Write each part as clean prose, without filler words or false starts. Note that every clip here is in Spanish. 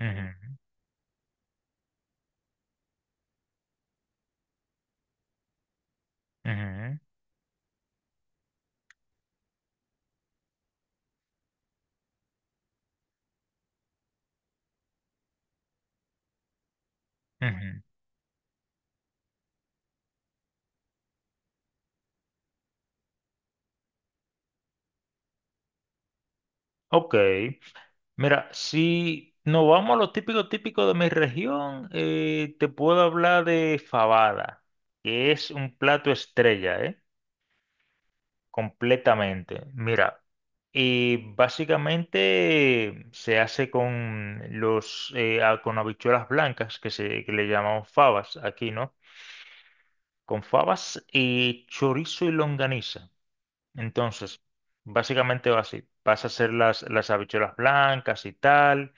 Ujú, ujú, ujú. Ok, mira, si nos vamos a lo típico típico de mi región, te puedo hablar de fabada, que es un plato estrella, ¿eh? Completamente. Mira, y básicamente se hace con los con habichuelas blancas, que se que le llamamos fabas aquí, ¿no? Con fabas y chorizo y longaniza. Entonces, básicamente va así. Vas a hacer las habichuelas blancas y tal.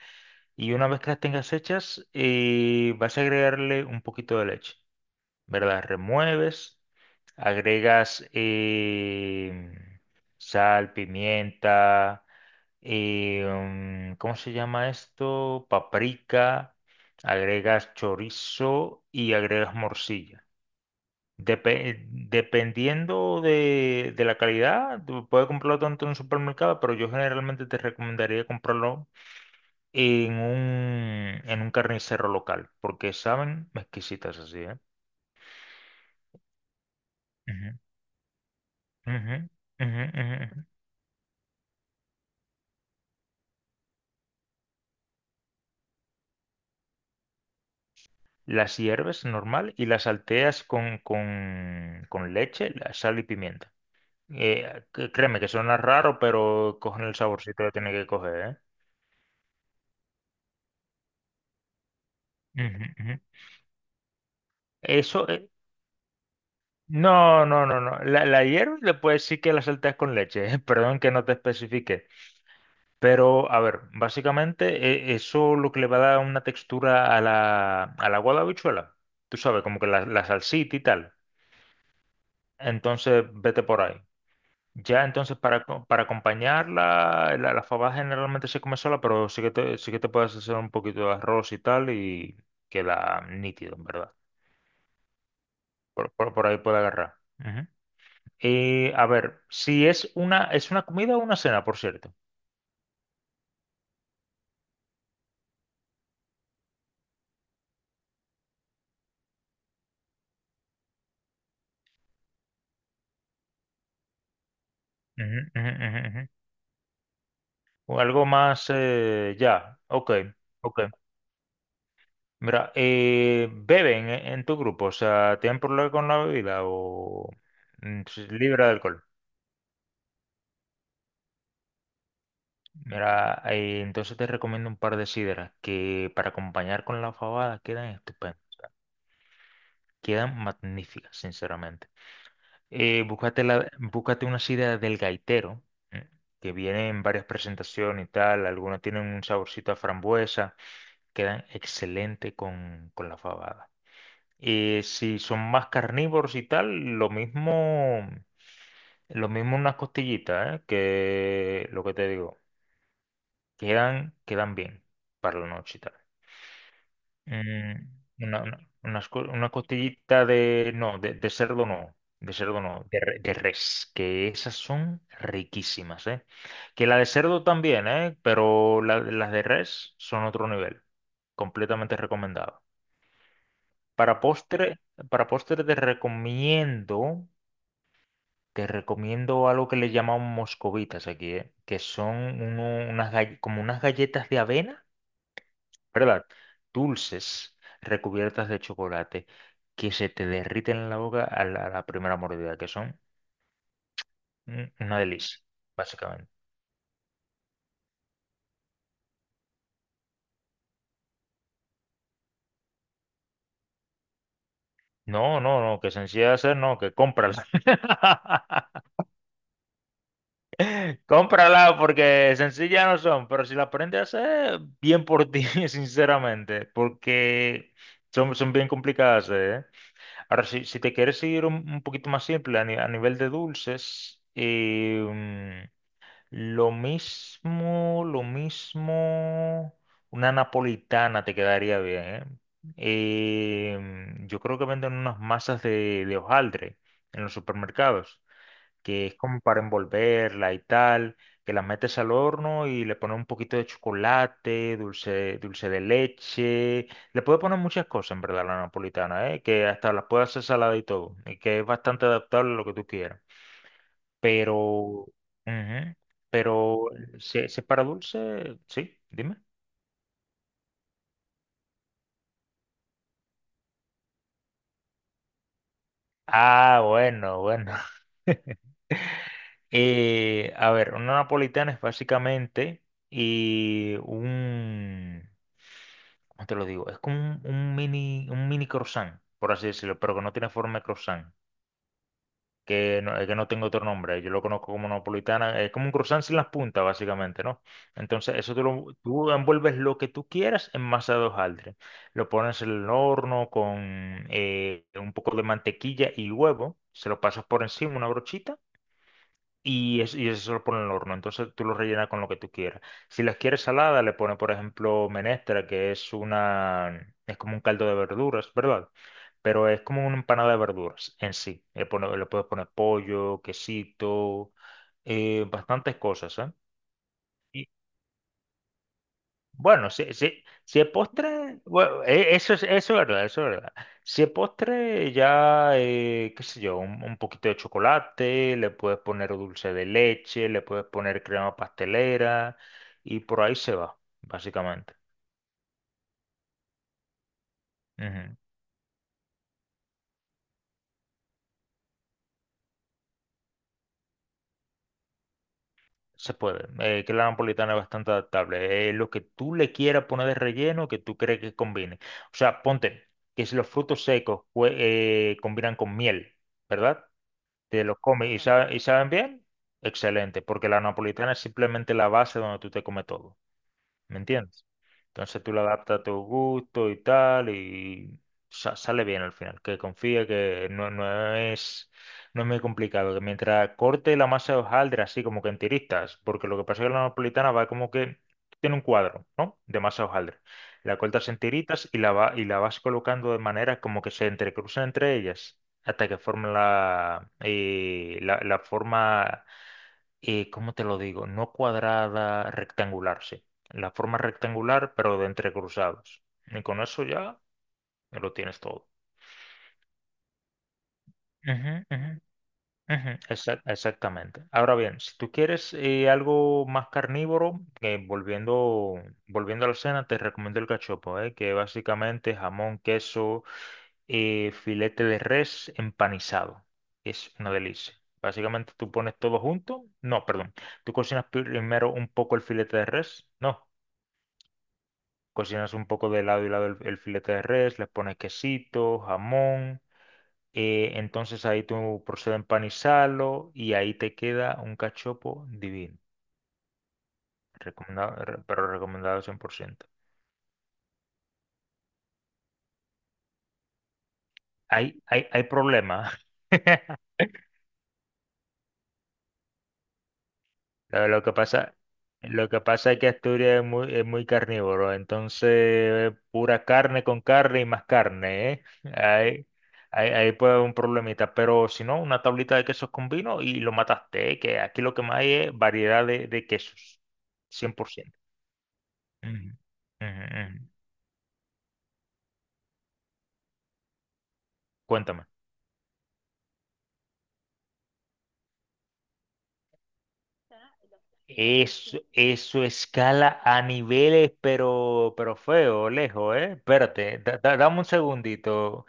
Y una vez que las tengas hechas, vas a agregarle un poquito de leche, ¿verdad? Remueves, agregas sal, pimienta, ¿cómo se llama esto? Paprika, agregas chorizo y agregas morcilla. Dependiendo de la calidad, tú puedes comprarlo tanto en un supermercado, pero yo generalmente te recomendaría comprarlo en en un carnicero local, porque saben exquisitas así, ¿eh? Ujú, ujú, ujú, ujú, ujú. Las hierves normal y las salteas con leche, la sal y pimienta. Créeme que suena raro, pero cogen el saborcito que tiene que coger, ¿eh? Ujú, ujú. Eso, no, no, no, no. La hierves, le puedes decir que la salteas con leche. Perdón que no te especifique. Pero, a ver, básicamente eso lo que le va a dar una textura a al agua de habichuela. Tú sabes, como que la salsita y tal. Entonces, vete por ahí. Ya, entonces, para acompañarla, la fabada generalmente se come sola, pero sí que te puedes hacer un poquito de arroz y tal y queda nítido, en verdad. Por ahí puede agarrar. A ver, si es es una comida o una cena, por cierto. Ujú, ujú, ujú, ujú. O algo más, ya, ok, ok. Mira, ¿beben en tu grupo? O sea, ¿tienen problema con la bebida o mm, libre de alcohol? Mira, entonces te recomiendo un par de sidras que para acompañar con la fabada quedan estupendas, quedan magníficas, sinceramente. Búscate una sidra del gaitero, ¿eh? Que viene en varias presentaciones y tal. Algunas tienen un saborcito a frambuesa, quedan excelente con la fabada. Si son más carnívoros y tal, lo mismo, lo mismo unas costillitas, ¿eh? Que lo que te digo, quedan, quedan bien para la noche y tal. Mm, una costillita de... No, de cerdo no. De cerdo no. De, de res. Que esas son riquísimas, ¿eh? Que la de cerdo también, ¿eh? Pero las de res son otro nivel. Completamente recomendado. Para postre, para postre te recomiendo... Te recomiendo algo que le llamamos moscovitas aquí, ¿eh? Que son como unas galletas de avena, ¿verdad? Dulces recubiertas de chocolate que se te derriten en la boca a a la primera mordida, que son mm, una delicia, básicamente. No, no, no, que sencilla de hacer, no, que cómprala. Cómprala porque sencillas no son, pero si la aprendes a hacer, bien por ti, sinceramente, porque son, son bien complicadas, ¿eh? Ahora, si te quieres ir un poquito más simple a, a nivel de dulces, lo mismo, lo mismo. Una napolitana te quedaría bien, ¿eh? Em, yo creo que venden unas masas de hojaldre en los supermercados, que es como para envolverla y tal, que la metes al horno y le pones un poquito de chocolate, dulce, dulce de leche. Le puedes poner muchas cosas, en verdad, a la napolitana, ¿eh? Que hasta las puedes hacer salada y todo, y que es bastante adaptable a lo que tú quieras pero, ujú, pero, se para dulce? Sí, dime. Ah, bueno, bueno. A ver, una napolitana es básicamente y un, ¿cómo te lo digo? Es como un mini croissant, por así decirlo, pero que no tiene forma de croissant. Que no, es que no tengo otro nombre, yo lo conozco como napolitana, es como un croissant sin las puntas, básicamente, ¿no? Entonces, eso tú envuelves lo que tú quieras en masa de hojaldre, lo pones en el horno con un poco de mantequilla y huevo, se lo pasas por encima, una brochita, y eso lo pone en el horno. Entonces tú lo rellenas con lo que tú quieras. Si las quieres salada, le pones, por ejemplo, menestra, que es es como un caldo de verduras, ¿verdad? Pero es como una empanada de verduras en sí. Le puedes poner pollo, quesito, bastantes cosas, ¿eh? Bueno, si es postre, bueno, eso es verdad, eso es verdad. Si es postre, ya, qué sé yo, un poquito de chocolate, le puedes poner dulce de leche, le puedes poner crema pastelera y por ahí se va, básicamente. Ujú, se puede. Que la napolitana es bastante adaptable. Lo que tú le quieras poner de relleno, que tú crees que combine. O sea, ponte que si los frutos secos combinan con miel, ¿verdad? Te lo comes y, y saben bien, excelente, porque la napolitana es simplemente la base donde tú te comes todo. ¿Me entiendes? Entonces tú lo adaptas a tu gusto y tal, y sale bien al final. Que confíe que no, no es, no es muy complicado. Que mientras corte la masa de hojaldre, así como que en tiritas, porque lo que pasa es que la napolitana va como que tiene un cuadro, ¿no? De masa de hojaldre. La cortas en tiritas y y la vas colocando de manera como que se entrecruzan entre ellas hasta que formen la, la forma, ¿cómo te lo digo? No cuadrada, rectangular, sí. La forma rectangular, pero de entrecruzados. Y con eso ya lo tienes todo. Ujú, ujú, ujú, exactamente. Ahora bien, si tú quieres algo más carnívoro, volviendo, volviendo a la cena, te recomiendo el cachopo, que básicamente jamón, queso, filete de res empanizado. Es una delicia. Básicamente tú pones todo junto. No, perdón. Tú cocinas primero un poco el filete de res. No. Cocinas un poco de lado y lado el filete de res, le pones quesito, jamón, entonces ahí tú procedes a empanizarlo y ahí te queda un cachopo divino. Recomendado, pero recomendado 100%. Hay, hay, hay problema. Lo, lo que pasa, lo que pasa es que Asturias es muy carnívoro, entonces pura carne con carne y más carne, ¿eh? Ahí, ahí, ahí puede haber un problemita, pero si no, una tablita de quesos con vino y lo mataste, ¿eh? Que aquí lo que más hay es variedad de quesos, 100%. Ujú, ujú, ujú. Cuéntame. Eso escala a niveles, pero feo, lejos, ¿eh? Espérate, dame un segundito.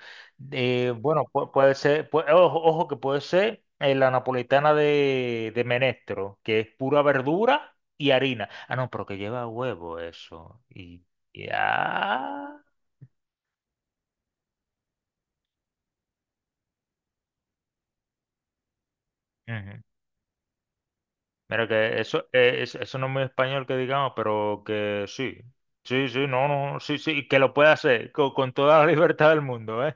Bueno, puede ser, ojo, ojo que puede ser la napolitana de Menestro, que es pura verdura y harina. Ah, no, pero que lleva huevo eso. Y ya. Ujú. Mira que eso, eso no es muy español que digamos, pero que sí. Sí, sí, no, no, sí, sí, que lo puede hacer con toda la libertad del mundo, ¿eh?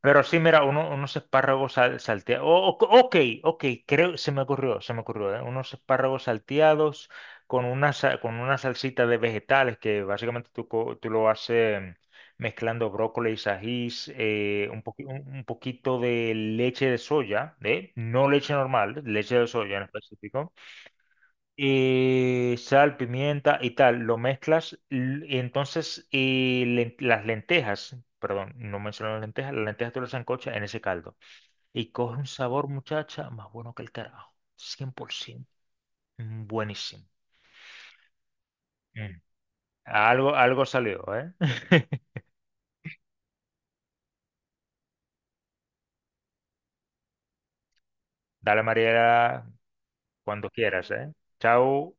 Pero sí, mira, unos espárragos salteados. Ok, ok, creo, se me ocurrió, ¿eh? Unos espárragos salteados con con una salsita de vegetales que básicamente tú, tú lo haces mm, mezclando brócoli, ajís, un poquito de leche de soya, ¿eh? No leche normal, leche de soya en específico, sal, pimienta y tal, lo mezclas y entonces las lentejas, perdón, no mencioné las lentejas tú las sancochas en ese caldo y coge un sabor, muchacha, más bueno que el carajo, 100%. Mm, buenísimo. Mm. Algo, algo salió, ¿eh? Dale, Mariela, cuando quieras, ¿eh? Chao.